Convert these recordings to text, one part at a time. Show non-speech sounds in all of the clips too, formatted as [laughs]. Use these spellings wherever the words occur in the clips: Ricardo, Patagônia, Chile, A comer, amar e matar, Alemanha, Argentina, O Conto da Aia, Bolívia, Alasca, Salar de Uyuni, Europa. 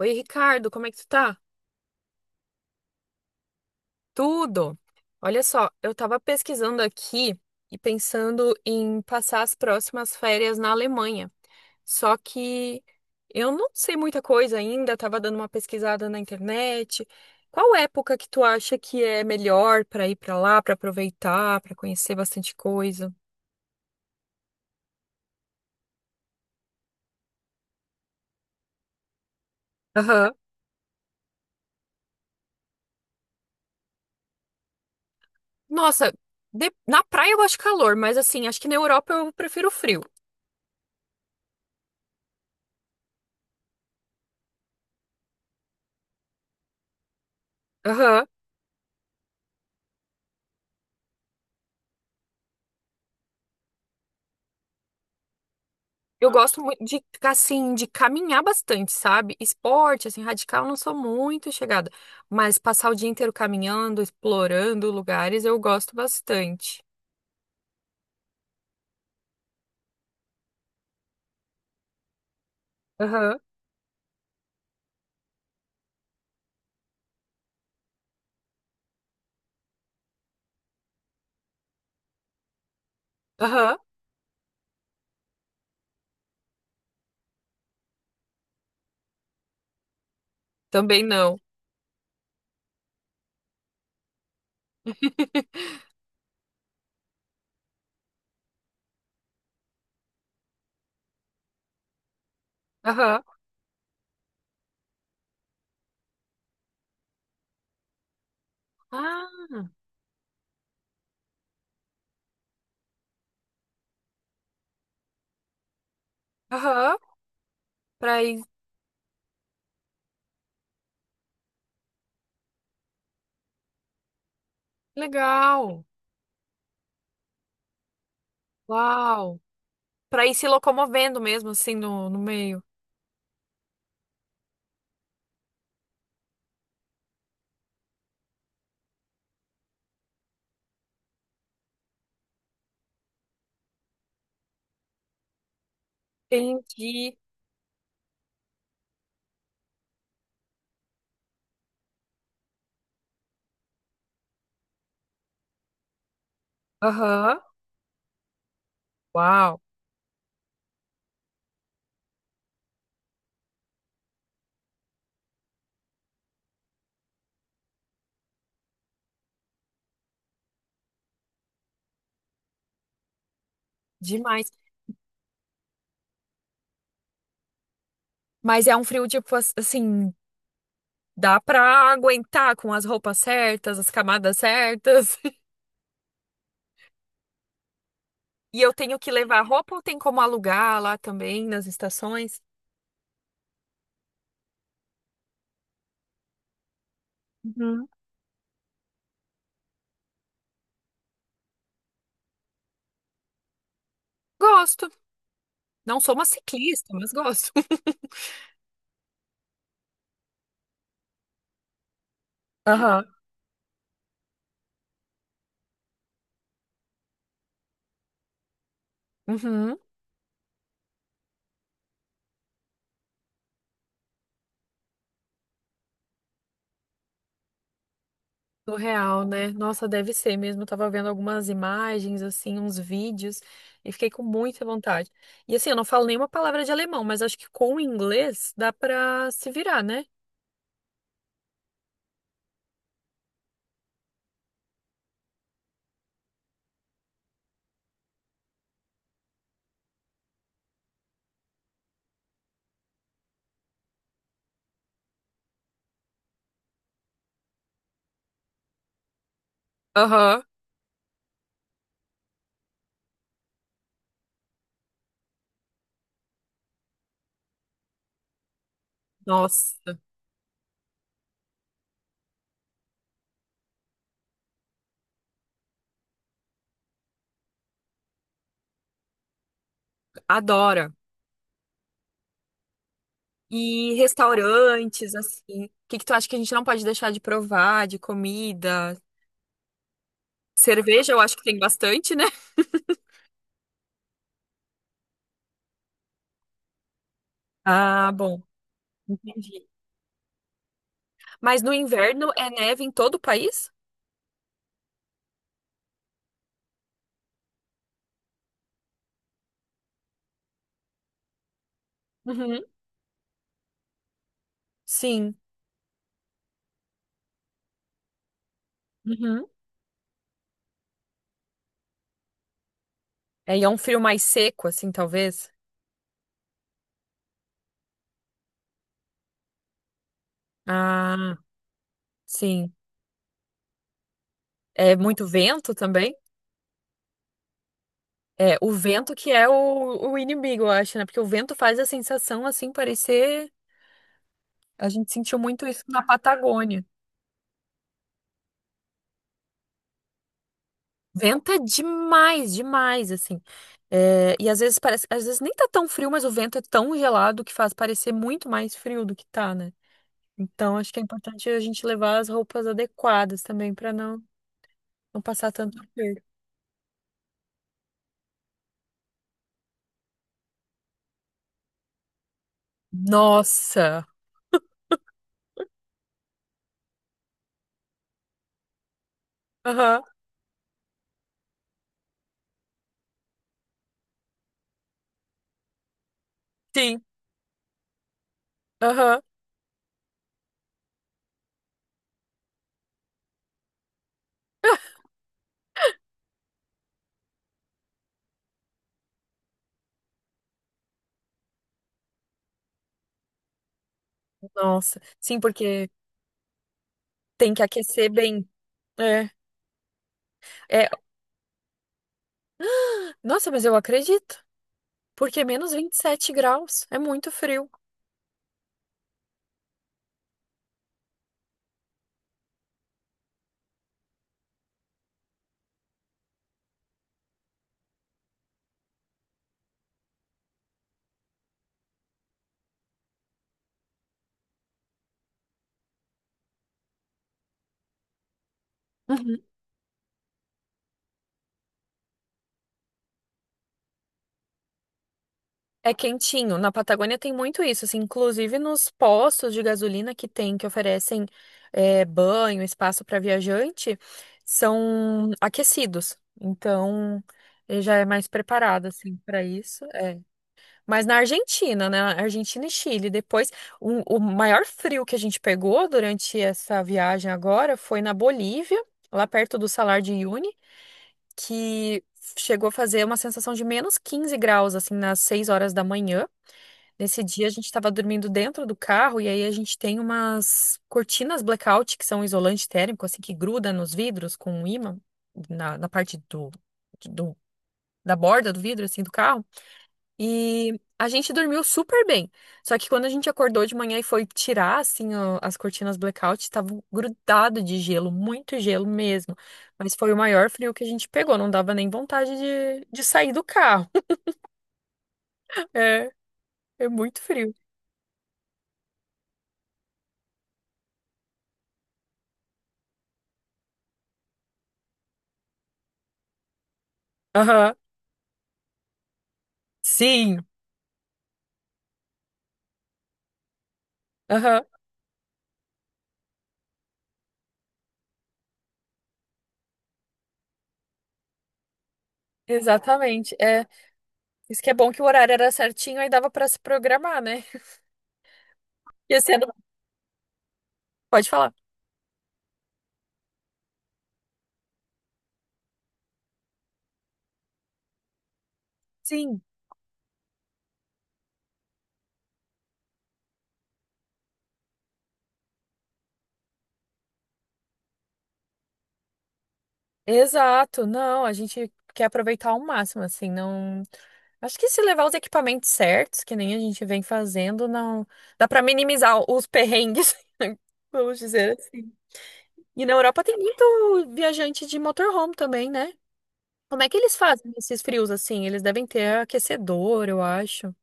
Oi, Ricardo, como é que tu tá? Tudo? Olha só, eu tava pesquisando aqui e pensando em passar as próximas férias na Alemanha. Só que eu não sei muita coisa ainda, tava dando uma pesquisada na internet. Qual época que tu acha que é melhor pra ir pra lá, pra aproveitar, pra conhecer bastante coisa? Aham. Nossa, na praia eu gosto de calor, mas assim, acho que na Europa eu prefiro frio. Aham. Eu gosto muito de, assim, de caminhar bastante, sabe? Esporte, assim, radical, eu não sou muito chegada. Mas passar o dia inteiro caminhando, explorando lugares, eu gosto bastante. Aham, aham, também não. [laughs] Aham. Ah, aham, pra ir. Legal. Uau. Pra ir se locomovendo mesmo, assim, no meio. Entendi. Aham. Uau. Demais. Mas é um frio, tipo, assim. Dá pra aguentar com as roupas certas, as camadas certas. [laughs] E eu tenho que levar roupa ou tem como alugar lá também nas estações? Uhum. Gosto. Não sou uma ciclista, mas gosto. [laughs] Aham. Uhum. Surreal, né? Nossa, deve ser mesmo. Eu tava vendo algumas imagens, assim, uns vídeos, e fiquei com muita vontade. E assim, eu não falo nenhuma palavra de alemão, mas acho que com o inglês dá pra se virar, né? Aham. Nossa, adoro. E restaurantes, assim. O que que tu acha que a gente não pode deixar de provar, de comida? Cerveja, eu acho que tem bastante, né? [laughs] Ah, bom, entendi. Mas no inverno é neve em todo o país? Uhum. Sim. Uhum. É, e é um frio mais seco, assim, talvez? Ah, sim. É muito vento também? É, o vento que é o inimigo, eu acho, né? Porque o vento faz a sensação, assim, parecer. A gente sentiu muito isso na Patagônia. Venta demais, demais, assim. É, e às vezes parece, às vezes nem tá tão frio, mas o vento é tão gelado que faz parecer muito mais frio do que tá, né? Então acho que é importante a gente levar as roupas adequadas também pra não passar tanto frio. Nossa. Aham. Sim. Aham. Nossa. Sim, porque tem que aquecer bem. É. É. Nossa, mas eu acredito. Porque é -27 graus é muito frio. É quentinho. Na Patagônia tem muito isso, assim, inclusive nos postos de gasolina que tem, que oferecem é, banho, espaço para viajante, são aquecidos. Então, ele já é mais preparado, assim, para isso. É. Mas na Argentina, né? Argentina e Chile, depois, o maior frio que a gente pegou durante essa viagem agora foi na Bolívia, lá perto do Salar de Uyuni, que chegou a fazer uma sensação de -15 graus, assim, nas 6 horas da manhã. Nesse dia a gente estava dormindo dentro do carro e aí a gente tem umas cortinas blackout que são um isolante térmico, assim, que gruda nos vidros com um ímã na parte do da borda do vidro, assim, do carro. E a gente dormiu super bem. Só que quando a gente acordou de manhã e foi tirar, assim, as cortinas blackout, estavam grudado de gelo, muito gelo mesmo. Mas foi o maior frio que a gente pegou, não dava nem vontade de sair do carro. [laughs] É, é muito frio. Aham. Sim. Aham. Exatamente. É, isso que é bom que o horário era certinho, aí dava pra se programar, né? E sendo, pode falar. Sim, exato. Não, a gente quer aproveitar ao máximo, assim, não. Acho que se levar os equipamentos certos, que nem a gente vem fazendo, não dá pra minimizar os perrengues, [laughs] vamos dizer assim. E na Europa tem muito viajante de motorhome também, né? Como é que eles fazem esses frios assim? Eles devem ter aquecedor, eu acho.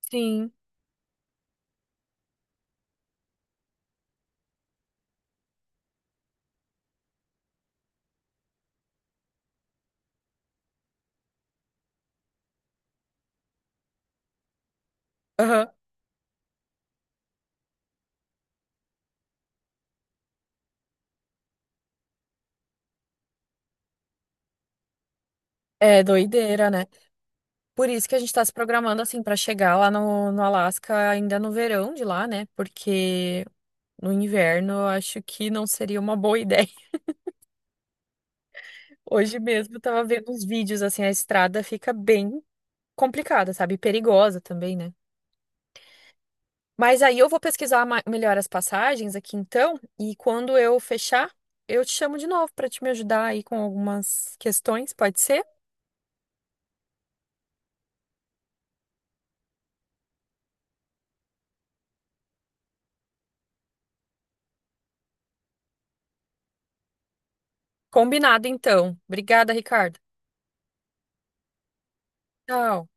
Sim. Aham. É doideira, né? Por isso que a gente está se programando assim para chegar lá no Alasca ainda no verão de lá, né? Porque no inverno eu acho que não seria uma boa ideia. [laughs] Hoje mesmo eu tava vendo uns vídeos assim, a estrada fica bem complicada, sabe? E perigosa também, né? Mas aí eu vou pesquisar melhor as passagens aqui então, e quando eu fechar, eu te chamo de novo para te me ajudar aí com algumas questões, pode ser? Combinado então. Obrigada, Ricardo. Tchau.